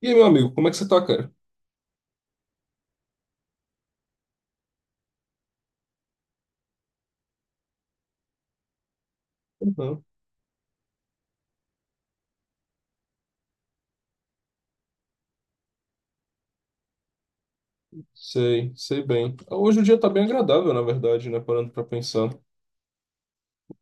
E aí, meu amigo, como é que você tá, cara? Uhum. Sei, sei bem. Hoje o dia tá bem agradável, na verdade, né? Parando pra pensar.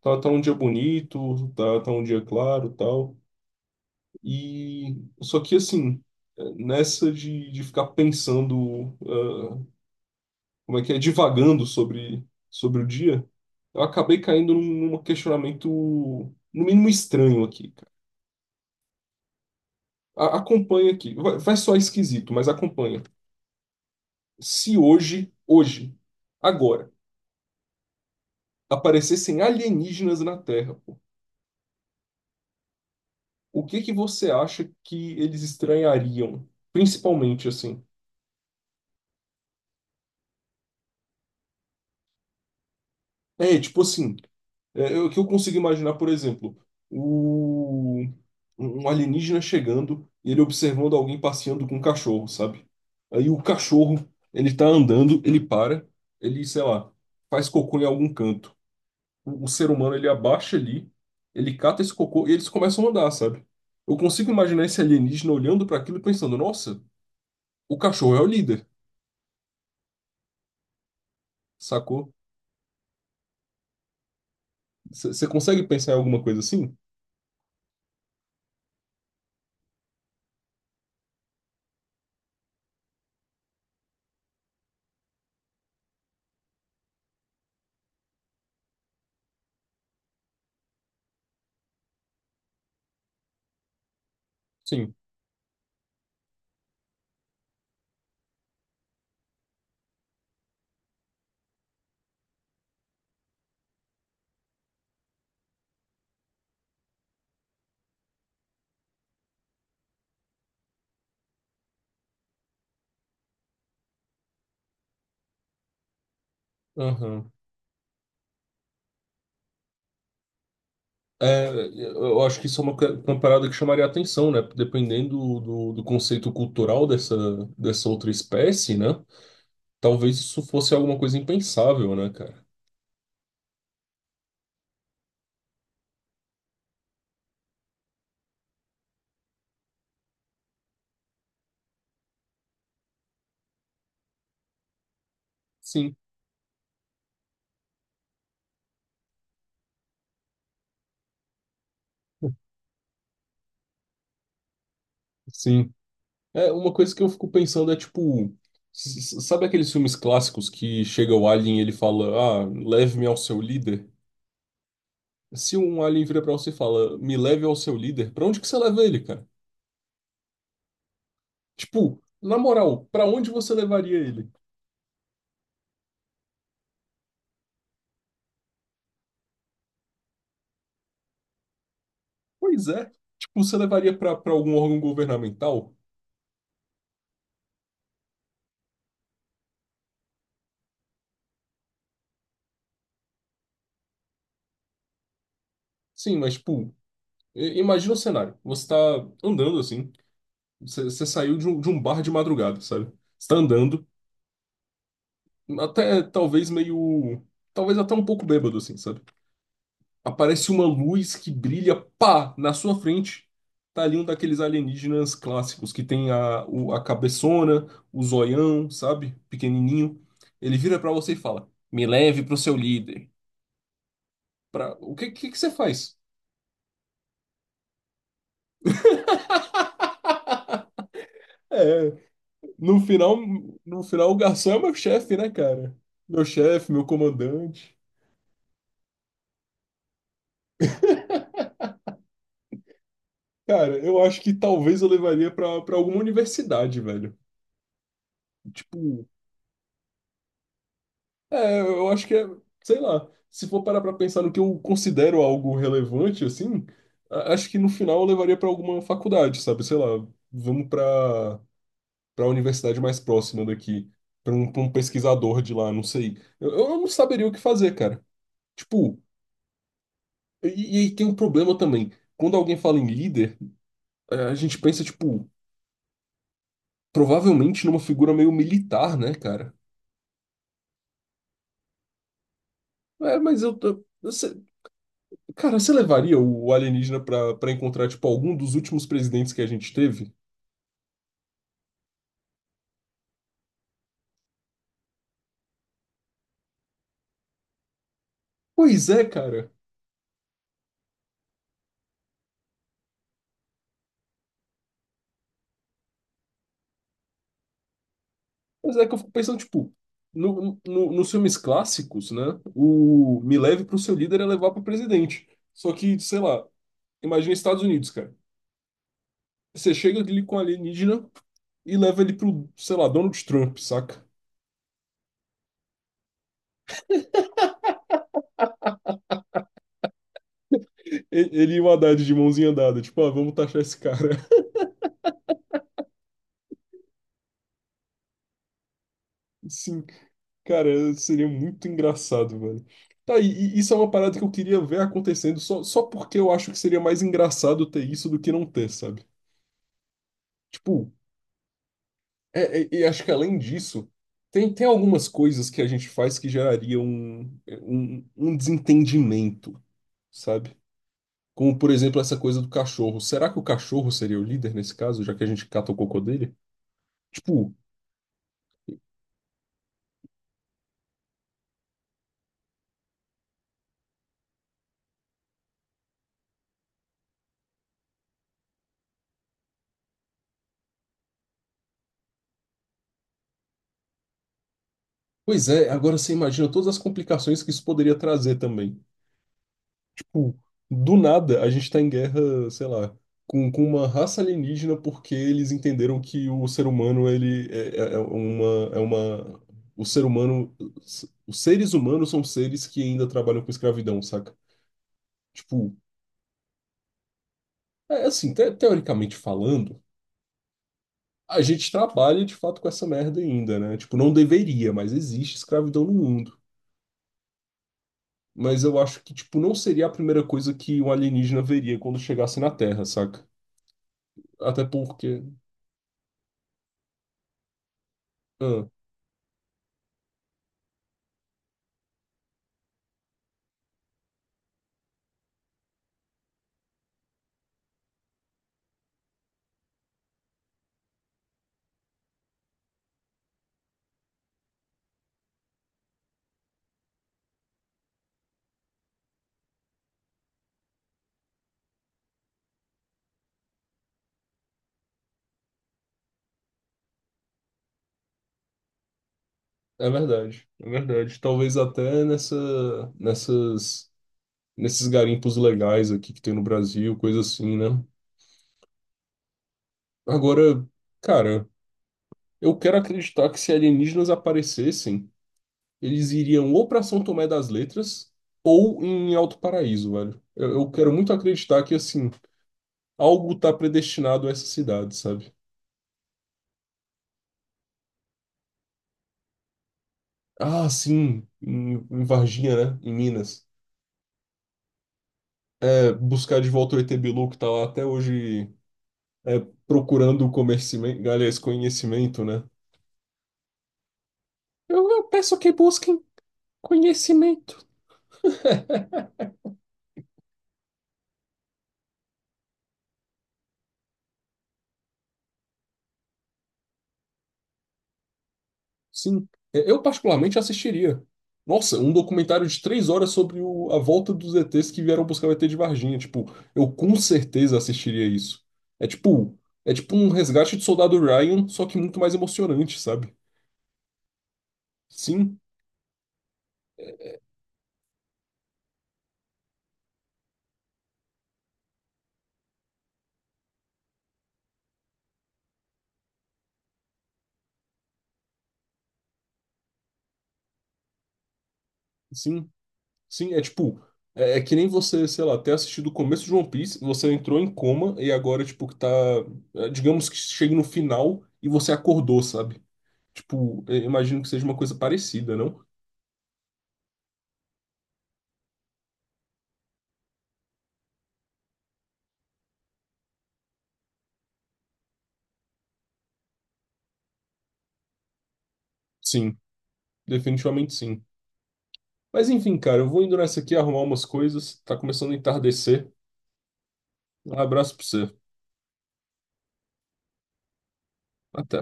Tá, tá um dia bonito, tá, tá um dia claro, tal. E só que assim, nessa de ficar pensando, como é que é, divagando sobre, sobre o dia, eu acabei caindo num questionamento, no mínimo estranho aqui, cara. Acompanha aqui. Vai, vai soar esquisito, mas acompanha. Se hoje, hoje, agora aparecessem alienígenas na Terra, pô, o que que você acha que eles estranhariam? Principalmente assim. Tipo assim, o que eu consigo imaginar, por exemplo, o, um alienígena chegando e ele observando alguém passeando com um cachorro, sabe? Aí o cachorro, ele tá andando, ele para, ele, sei lá, faz cocô em algum canto. O ser humano, ele abaixa ali, ele cata esse cocô e eles começam a andar, sabe? Eu consigo imaginar esse alienígena olhando para aquilo e pensando, nossa, o cachorro é o líder, sacou? Você consegue pensar em alguma coisa assim? Sim. Aham. É, eu acho que isso é uma, uma parada que chamaria atenção, né? Dependendo do, do conceito cultural dessa, dessa outra espécie, né? Talvez isso fosse alguma coisa impensável, né, cara? Sim, sim. É, uma coisa que eu fico pensando é tipo. Sabe aqueles filmes clássicos que chega o alien e ele fala: Ah, leve-me ao seu líder? Se um alien vira pra você e fala: Me leve ao seu líder, pra onde que você leva ele, cara? Tipo, na moral, pra onde você levaria ele? Pois é. Tipo, você levaria pra algum órgão governamental? Sim, mas, tipo, imagina o cenário. Você tá andando assim. Você saiu de um bar de madrugada, sabe? Você tá andando, até talvez meio. Talvez até um pouco bêbado, assim, sabe? Aparece uma luz que brilha, pá, na sua frente. Tá ali um daqueles alienígenas clássicos que tem a, a cabeçona, o zoião, sabe? Pequenininho. Ele vira pra você e fala: Me leve pro seu líder. Pra... O que você faz? É, no final, no final, o garçom é meu chefe, né, cara? Meu chefe, meu comandante. Cara, eu acho que talvez eu levaria pra, pra alguma universidade, velho. Tipo, é, eu acho que é, sei lá, se for parar pra pensar no que eu considero algo relevante, assim, acho que no final eu levaria pra alguma faculdade, sabe? Sei lá, vamos pra para universidade mais próxima daqui, pra um pesquisador de lá, não sei. Eu não saberia o que fazer, cara. Tipo, e, e aí tem um problema também. Quando alguém fala em líder, é, a gente pensa, tipo, provavelmente numa figura meio militar, né, cara? É, mas eu tô. Cara, você levaria o alienígena pra, pra encontrar, tipo, algum dos últimos presidentes que a gente teve? Pois é, cara. Pois é que eu fico pensando, tipo, no, nos filmes clássicos, né? O me leve pro seu líder é levar pro presidente. Só que, sei lá, imagina Estados Unidos, cara. Você chega ali com o alienígena e leva ele pro, sei lá, Donald Trump, saca? Ele e o Haddad de mãozinha dada, tipo, ah, vamos taxar esse cara. Sim, cara, seria muito engraçado, velho. Tá, e isso é uma parada que eu queria ver acontecendo, só, só porque eu acho que seria mais engraçado ter isso do que não ter, sabe? Tipo, é, e acho que além disso, tem, tem algumas coisas que a gente faz que gerariam um desentendimento, sabe? Como, por exemplo, essa coisa do cachorro. Será que o cachorro seria o líder nesse caso, já que a gente cata o cocô dele? Tipo, pois é, agora você imagina todas as complicações que isso poderia trazer também. Tipo, do nada, a gente tá em guerra, sei lá, com uma raça alienígena porque eles entenderam que o ser humano, ele é, é uma... O ser humano... Os seres humanos são seres que ainda trabalham com escravidão, saca? Tipo, é assim, teoricamente falando, a gente trabalha de fato com essa merda ainda, né? Tipo, não deveria, mas existe escravidão no mundo. Mas eu acho que, tipo, não seria a primeira coisa que um alienígena veria quando chegasse na Terra, saca? Até porque... ah, é verdade, é verdade. Talvez até nessa, nessas, nesses garimpos legais aqui que tem no Brasil, coisa assim, né? Agora, cara, eu quero acreditar que se alienígenas aparecessem, eles iriam ou para São Tomé das Letras ou em Alto Paraíso, velho. Eu quero muito acreditar que, assim, algo tá predestinado a essa cidade, sabe? Ah, sim, em, em Varginha, né? Em Minas. É, buscar de volta o ET Bilu, que tá lá até hoje é, procurando o conhecimento, aliás, conhecimento, né? Eu peço que busquem conhecimento. Sim, é, eu particularmente assistiria. Nossa, um documentário de 3 horas sobre a volta dos ETs que vieram buscar o ET de Varginha. Tipo, eu com certeza assistiria isso. É tipo, é tipo um resgate de Soldado Ryan, só que muito mais emocionante, sabe? Sim, sim. Sim, é tipo, é, é que nem você, sei lá, ter assistido o começo de One Piece, você entrou em coma e agora, tipo, que tá, é, digamos que chegue no final e você acordou, sabe? Tipo, é, imagino que seja uma coisa parecida, não? Sim, definitivamente sim. Mas enfim, cara, eu vou indo nessa aqui arrumar umas coisas, tá começando a entardecer. Um abraço pra você. Até.